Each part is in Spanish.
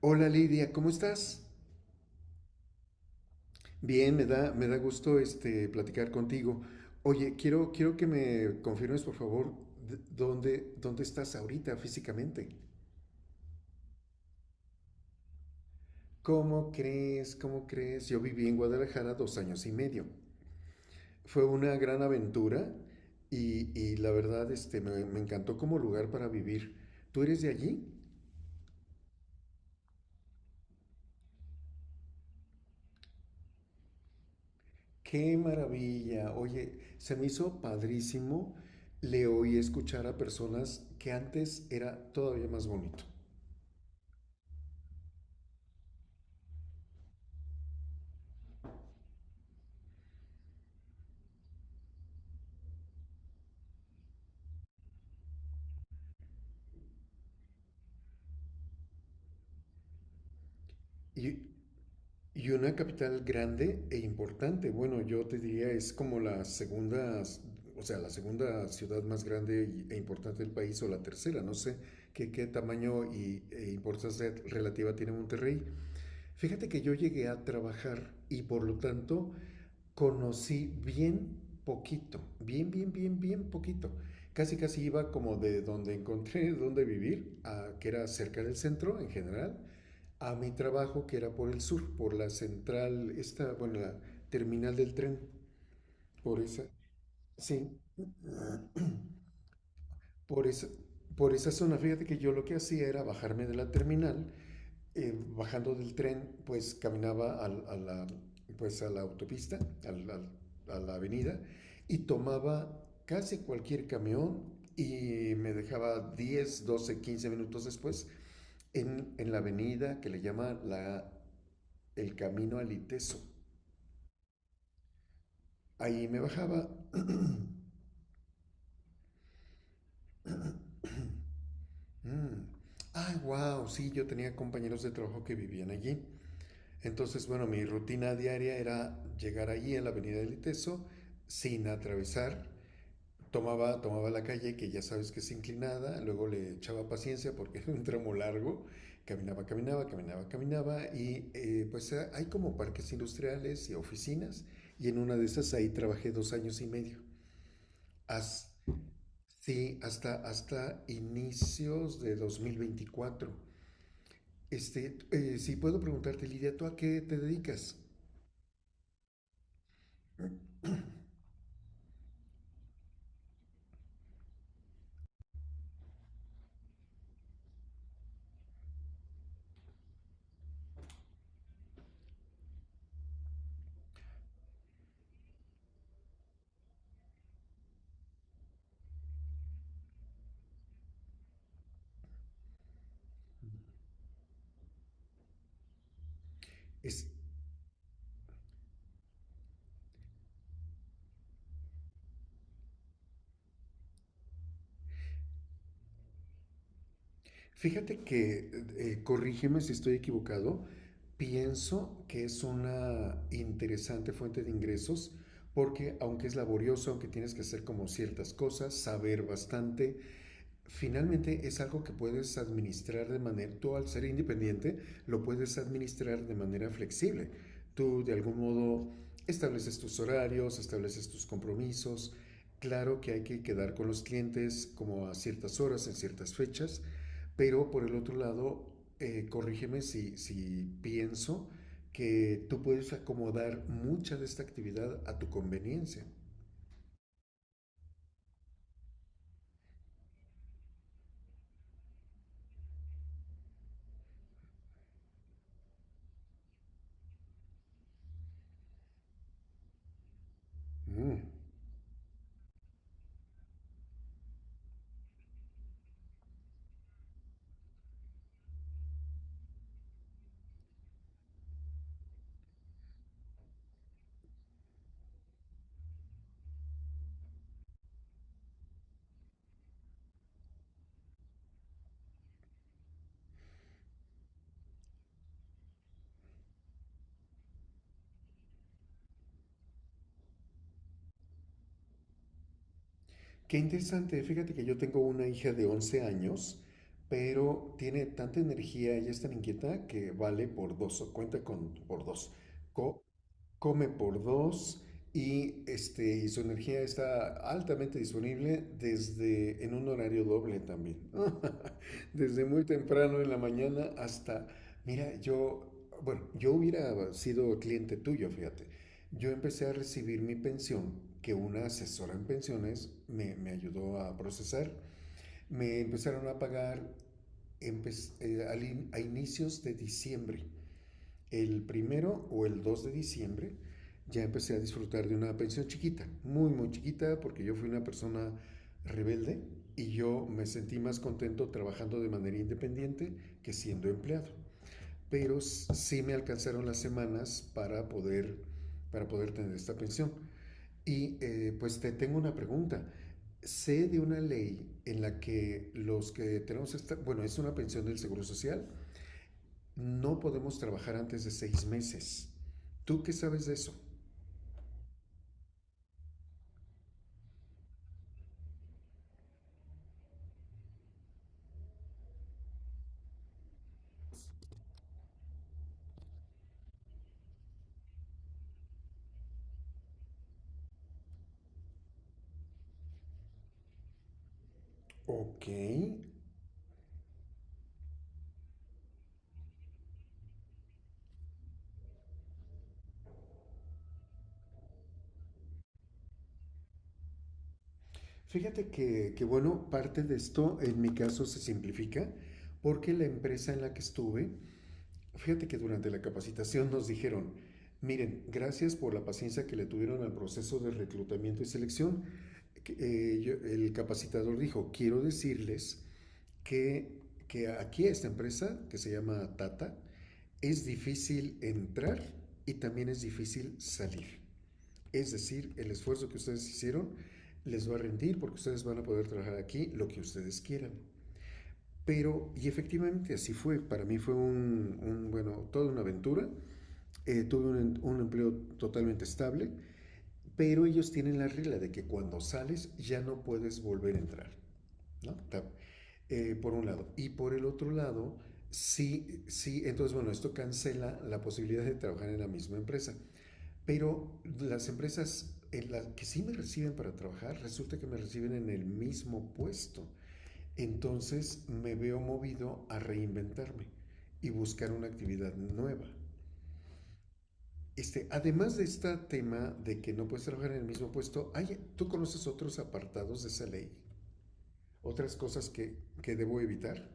Hola Lidia, ¿cómo estás? Bien, me da gusto platicar contigo. Oye, quiero que me confirmes, por favor, dónde estás ahorita físicamente. ¿Cómo crees? ¿Cómo crees? Yo viví en Guadalajara dos años y medio. Fue una gran aventura y la verdad me encantó como lugar para vivir. ¿Tú eres de allí? Qué maravilla. Oye, se me hizo padrísimo. Le oí escuchar a personas que antes era todavía más bonito. Y, y una capital grande e importante. Bueno, yo te diría es como la segunda, o sea, la segunda ciudad más grande e importante del país o la tercera. No sé qué tamaño e importancia relativa tiene Monterrey. Fíjate que yo llegué a trabajar y por lo tanto conocí bien poquito, bien poquito. Casi iba como de donde encontré donde vivir, que era cerca del centro en general, a mi trabajo que era por el sur, por la central, esta, bueno, la terminal del tren, por esa, sí, por esa, por esa zona. Fíjate que yo lo que hacía era bajarme de la terminal bajando del tren, pues caminaba pues, a la autopista, al, al, a la avenida, y tomaba casi cualquier camión y me dejaba 10, 12, 15 minutos después en la avenida que le llama la, el Camino al Iteso. Ahí me bajaba. Mm. Ah, wow, sí, yo tenía compañeros de trabajo que vivían allí. Entonces, bueno, mi rutina diaria era llegar allí en la avenida del Iteso sin atravesar. Tomaba la calle, que ya sabes que es inclinada, luego le echaba paciencia porque era un tramo largo, caminaba, y pues hay como parques industriales y oficinas, y en una de esas ahí trabajé dos años y medio. As- sí, hasta inicios de 2024. Si puedo preguntarte, Lidia, ¿tú a qué te dedicas? Es, Fíjate que, corrígeme si estoy equivocado, pienso que es una interesante fuente de ingresos porque aunque es laborioso, aunque tienes que hacer como ciertas cosas, saber bastante, finalmente es algo que puedes administrar de manera, tú al ser independiente, lo puedes administrar de manera flexible. Tú de algún modo estableces tus horarios, estableces tus compromisos. Claro que hay que quedar con los clientes como a ciertas horas, en ciertas fechas, pero por el otro lado, corrígeme si pienso que tú puedes acomodar mucha de esta actividad a tu conveniencia. Mm. Qué interesante, fíjate que yo tengo una hija de 11 años, pero tiene tanta energía, ella es tan inquieta que vale por dos, o cuenta con por dos, co- come por dos y, y su energía está altamente disponible desde en un horario doble también, desde muy temprano en la mañana hasta, mira, yo, bueno, yo hubiera sido cliente tuyo, fíjate. Yo empecé a recibir mi pensión, que una asesora en pensiones me ayudó a procesar. Me empezaron a pagar a inicios de diciembre. El primero o el 2 de diciembre ya empecé a disfrutar de una pensión chiquita, muy chiquita, porque yo fui una persona rebelde y yo me sentí más contento trabajando de manera independiente que siendo empleado. Pero sí me alcanzaron las semanas para poder tener esta pensión. Y pues te tengo una pregunta. Sé de una ley en la que los que tenemos esta, bueno, es una pensión del Seguro Social, no podemos trabajar antes de 6 meses. ¿Tú qué sabes de eso? Ok. Fíjate que, bueno, parte de esto en mi caso se simplifica porque la empresa en la que estuve. Fíjate que durante la capacitación nos dijeron, miren, gracias por la paciencia que le tuvieron al proceso de reclutamiento y selección. El capacitador dijo, quiero decirles que, que aquí a esta empresa, que se llama Tata, es difícil entrar y también es difícil salir. Es decir, el esfuerzo que ustedes hicieron les va a rendir porque ustedes van a poder trabajar aquí lo que ustedes quieran. Pero, y efectivamente así fue, para mí fue bueno, toda una aventura. Tuve un empleo totalmente estable, pero ellos tienen la regla de que cuando sales ya no puedes volver a entrar, ¿no? Por un lado. Y por el otro lado, sí, sí, entonces bueno, esto cancela la posibilidad de trabajar en la misma empresa, pero las empresas en las que sí me reciben para trabajar, resulta que me reciben en el mismo puesto. Entonces me veo movido a reinventarme y buscar una actividad nueva. Además de este tema de que no puedes trabajar en el mismo puesto, ¿tú conoces otros apartados de esa ley? ¿Otras cosas que debo evitar?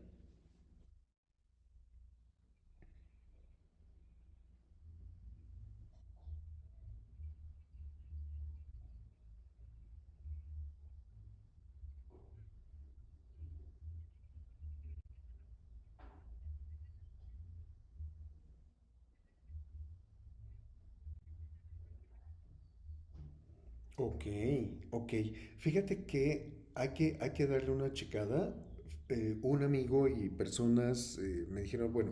Ok, ok. Fíjate que hay que darle una checada. Un amigo y personas me dijeron, bueno,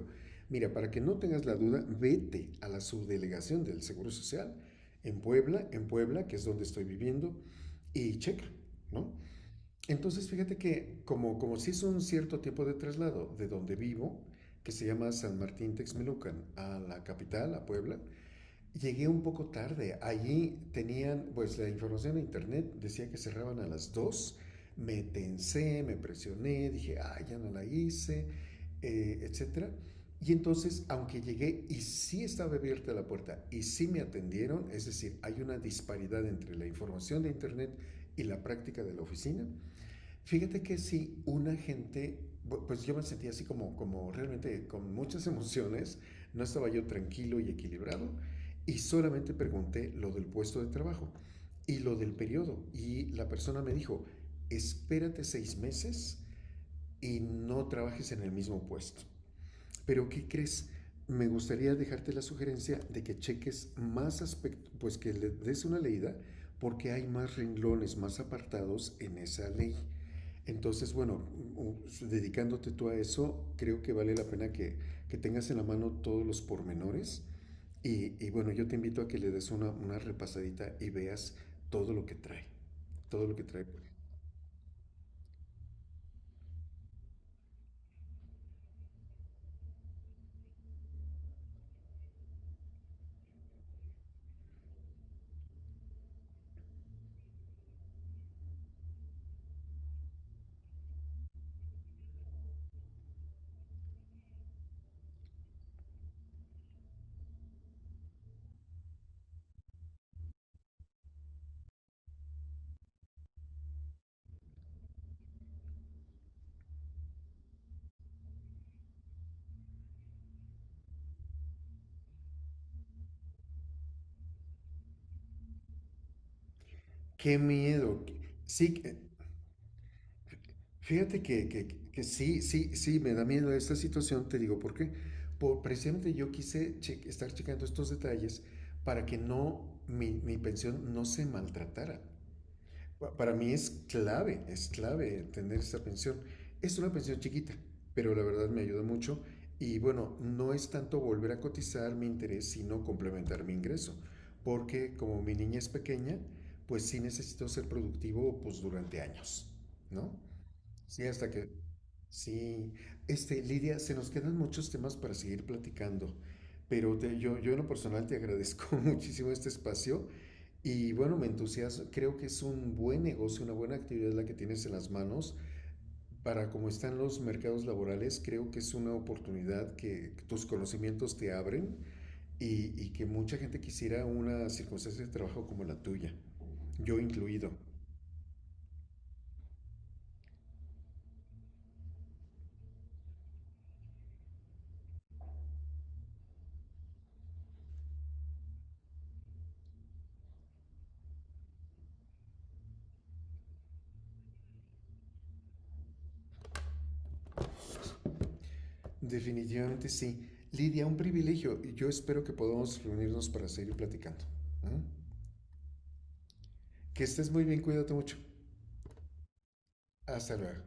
mira, para que no tengas la duda, vete a la subdelegación del Seguro Social en Puebla, que es donde estoy viviendo, y checa, ¿no? Entonces, fíjate que como si es un cierto tiempo de traslado de donde vivo, que se llama San Martín Texmelucan, a la capital, a Puebla, llegué un poco tarde. Allí tenían, pues la información en internet decía que cerraban a las dos. Me tensé, me presioné, dije, ah, ya no la hice, etcétera. Y entonces, aunque llegué y sí estaba abierta la puerta y sí me atendieron, es decir, hay una disparidad entre la información de internet y la práctica de la oficina. Fíjate que sí, una gente, pues yo me sentía así como, como realmente con muchas emociones, no estaba yo tranquilo y equilibrado, y solamente pregunté lo del puesto de trabajo y lo del periodo, y la persona me dijo, espérate 6 meses y no trabajes en el mismo puesto. Pero ¿qué crees? Me gustaría dejarte la sugerencia de que cheques más aspectos, pues que le des una leída, porque hay más renglones, más apartados en esa ley. Entonces, bueno, dedicándote tú a eso, creo que vale la pena que tengas en la mano todos los pormenores. Bueno, yo te invito a que le des una repasadita y veas todo lo que trae. Todo lo que trae. ¡Qué miedo! Sí, fíjate que, que- que sí, sí, me da miedo esta situación, te digo, ¿por qué? Por, precisamente yo quise estar checando estos detalles para que no, mi pensión no se maltratara. Para mí es clave tener esta pensión. Es una pensión chiquita, pero la verdad me ayuda mucho. Y bueno, no es tanto volver a cotizar mi interés, sino complementar mi ingreso. Porque como mi niña es pequeña, pues sí necesito ser productivo pues durante años, ¿no? Sí, hasta que... Sí. Lidia, se nos quedan muchos temas para seguir platicando. Pero yo en lo personal te agradezco muchísimo este espacio y bueno, me entusiasma, creo que es un buen negocio, una buena actividad la que tienes en las manos. Para cómo están los mercados laborales, creo que es una oportunidad que tus conocimientos te abren y que mucha gente quisiera una circunstancia de trabajo como la tuya, yo incluido. Definitivamente sí. Lidia, un privilegio. Yo espero que podamos reunirnos para seguir platicando. ¿Mm? Que estés muy bien, cuídate mucho. Hasta luego.